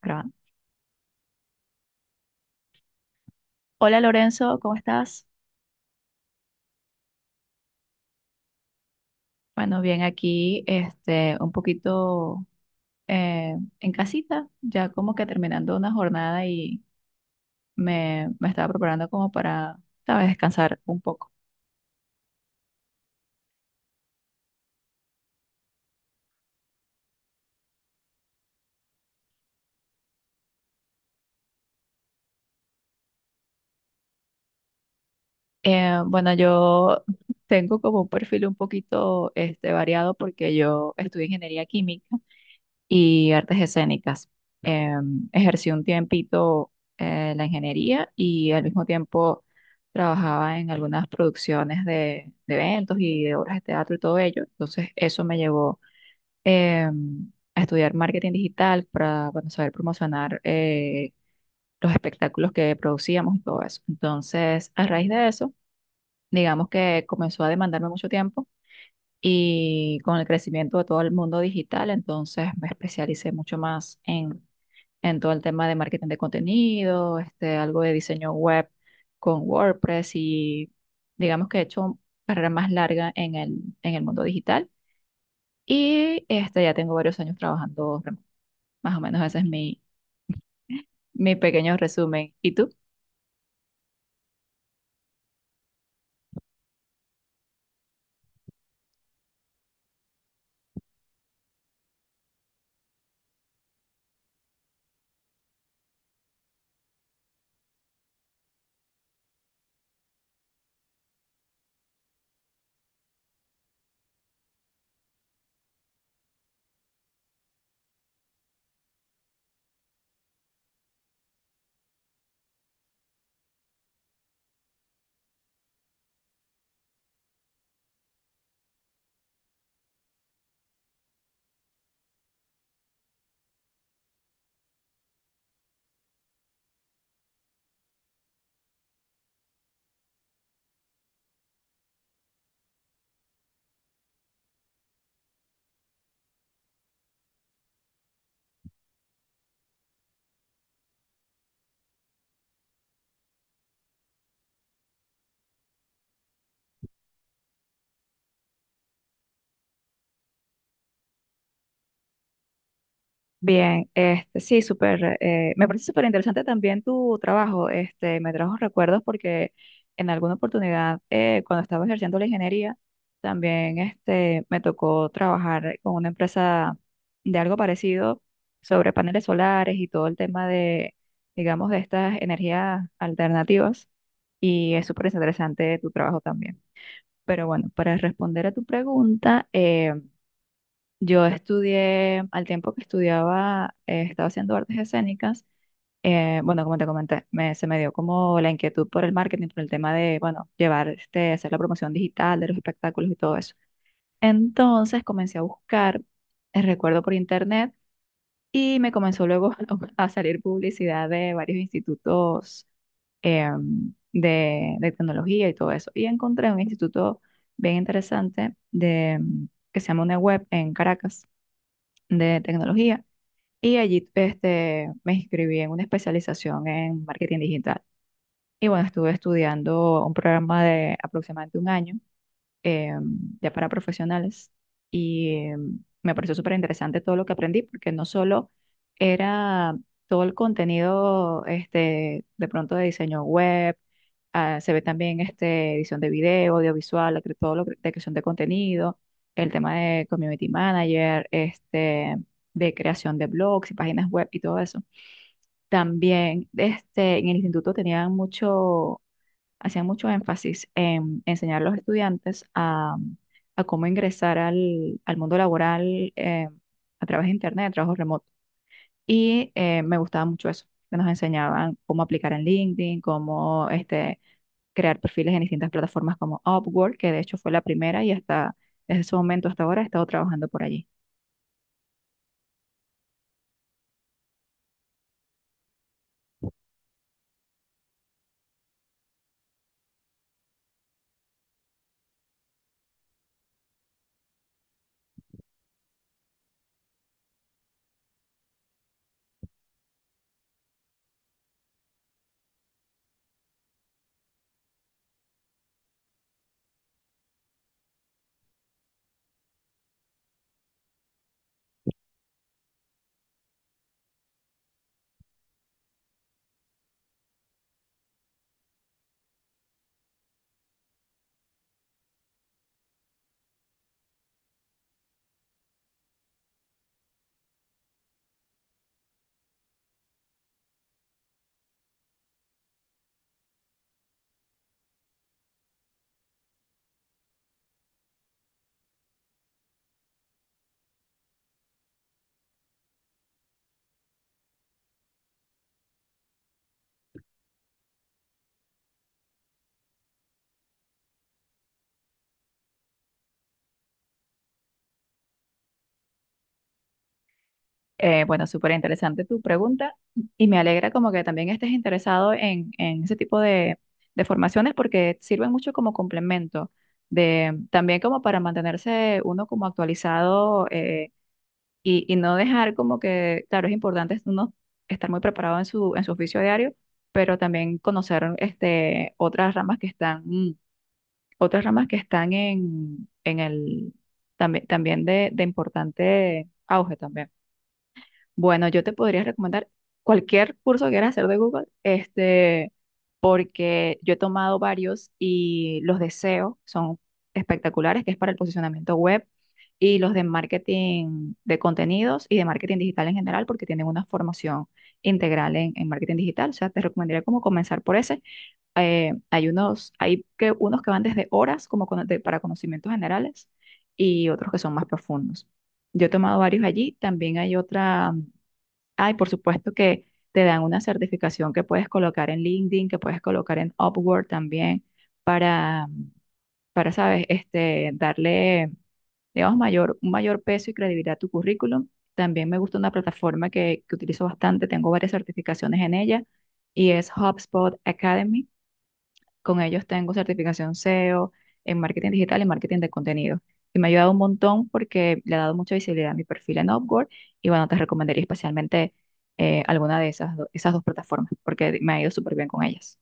Grabando. Hola Lorenzo, ¿cómo estás? Bueno, bien aquí, un poquito eh, en casita, ya como que terminando una jornada y me estaba preparando como para, sabes, descansar un poco. Bueno, yo tengo como un perfil un poquito variado porque yo estudio ingeniería química y artes escénicas. Ejercí un tiempito la ingeniería y al mismo tiempo trabajaba en algunas producciones de eventos y de obras de teatro y todo ello. Entonces eso me llevó a estudiar marketing digital para bueno, saber promocionar los espectáculos que producíamos y todo eso. Entonces, a raíz de eso, digamos que comenzó a demandarme mucho tiempo. Y con el crecimiento de todo el mundo digital, entonces me especialicé mucho más en todo el tema de marketing de contenido, este, algo de diseño web con WordPress y digamos que he hecho carrera más larga en el mundo digital y este, ya tengo varios años trabajando remoto. Más o menos ese es mi pequeño resumen. ¿Y tú? Bien, este, sí, súper, me parece súper interesante también tu trabajo, este, me trajo recuerdos porque en alguna oportunidad, cuando estaba ejerciendo la ingeniería, también, este, me tocó trabajar con una empresa de algo parecido sobre paneles solares y todo el tema de, digamos, de estas energías alternativas y es súper interesante tu trabajo también. Pero bueno, para responder a tu pregunta, yo estudié, al tiempo que estudiaba, estaba haciendo artes escénicas. Bueno, como te comenté, se me dio como la inquietud por el marketing, por el tema de, bueno, llevar, este, hacer la promoción digital de los espectáculos y todo eso. Entonces comencé a buscar, recuerdo por internet, y me comenzó luego a salir publicidad de varios institutos de tecnología y todo eso. Y encontré un instituto bien interesante de, que se llama una web en Caracas de tecnología y allí este, me inscribí en una especialización en marketing digital. Y bueno, estuve estudiando un programa de aproximadamente un año eh, ya para profesionales. Y me pareció súper interesante todo lo que aprendí, porque no solo era todo el contenido este, de pronto de diseño web, ah, se ve también este, edición de video, audiovisual, la cre- todo lo que- de creación de contenido, el tema de community manager, este, de creación de blogs y páginas web y todo eso. También este, en el instituto tenían mucho hacía mucho énfasis en enseñar a los estudiantes a cómo ingresar al mundo laboral a través de Internet, trabajos remotos. Y me gustaba mucho eso, que nos enseñaban cómo aplicar en LinkedIn, cómo este, crear perfiles en distintas plataformas como Upwork, que de hecho fue la primera y hasta desde ese momento hasta ahora he estado trabajando por allí. Bueno, súper interesante tu pregunta y me alegra como que también estés interesado en ese tipo de formaciones porque sirven mucho como complemento, de, también como para mantenerse uno como actualizado y no dejar como que, claro, es importante uno estar muy preparado en en su oficio diario, pero también conocer este, otras ramas que están, mm, otras ramas que están en el, también, también de importante auge también. Bueno, yo te podría recomendar cualquier curso que quieras hacer de Google, este, porque yo he tomado varios y los de SEO son espectaculares, que es para el posicionamiento web, y los de marketing de contenidos y de marketing digital en general, porque tienen una formación integral en marketing digital. O sea, te recomendaría como comenzar por ese. Hay unos, hay que, unos que van desde horas como cono- de- para conocimientos generales y otros que son más profundos. Yo he tomado varios allí. También hay otra. Ay, por supuesto que te dan una certificación que puedes colocar en LinkedIn, que puedes colocar en Upwork también, para, para, sabes, este, darle, digamos, mayor, un mayor peso y credibilidad a tu currículum. También me gusta una plataforma que utilizo bastante, tengo varias certificaciones en ella, y es HubSpot Academy. Con ellos tengo certificación SEO en marketing digital y marketing de contenido. Y me ha ayudado un montón porque le ha dado mucha visibilidad a mi perfil en Upwork. Y bueno, te recomendaría especialmente alguna de esas, do- esas dos plataformas porque me ha ido súper bien con ellas.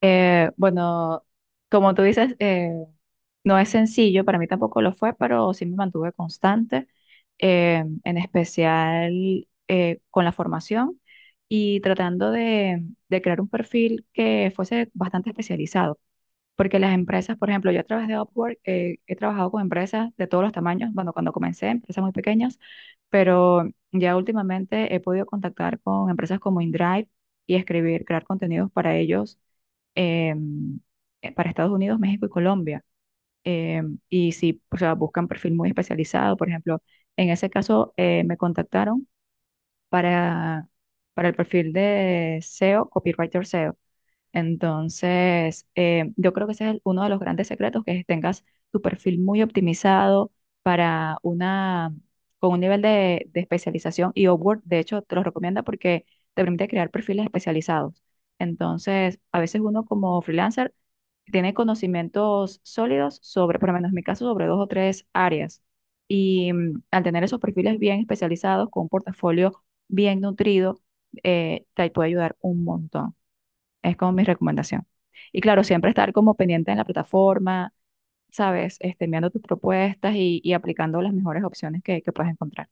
Bueno, como tú dices, no es sencillo, para mí tampoco lo fue, pero sí me mantuve constante, en especial con la formación y tratando de crear un perfil que fuese bastante especializado. Porque las empresas, por ejemplo, yo a través de Upwork he trabajado con empresas de todos los tamaños, bueno, cuando comencé, empresas muy pequeñas, pero ya últimamente he podido contactar con empresas como InDrive y escribir, crear contenidos para ellos, eh, para Estados Unidos, México y Colombia. Eh, y si, o sea, buscan perfil muy especializado, por ejemplo, en ese caso me contactaron para, para el perfil de SEO, Copywriter SEO entonces, yo creo que ese es el- uno de los grandes secretos, que tengas tu perfil muy optimizado para una, con un nivel de especialización y Upwork, de hecho, te lo recomienda porque te permite crear perfiles especializados. Entonces, a veces uno como freelancer tiene conocimientos sólidos sobre, por lo menos en mi caso, sobre dos o tres áreas. Y mm, al tener esos perfiles bien especializados, con un portafolio bien nutrido, te puede ayudar un montón. Es como mi recomendación. Y claro, siempre estar como pendiente en la plataforma, ¿sabes? Este, enviando tus propuestas y aplicando las mejores opciones que puedes encontrar.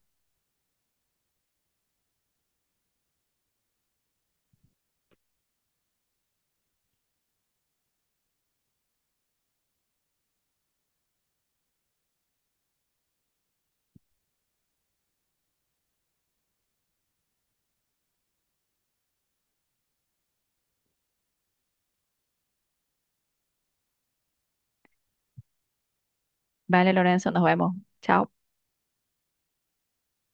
Vale, Lorenzo, nos vemos. Chao.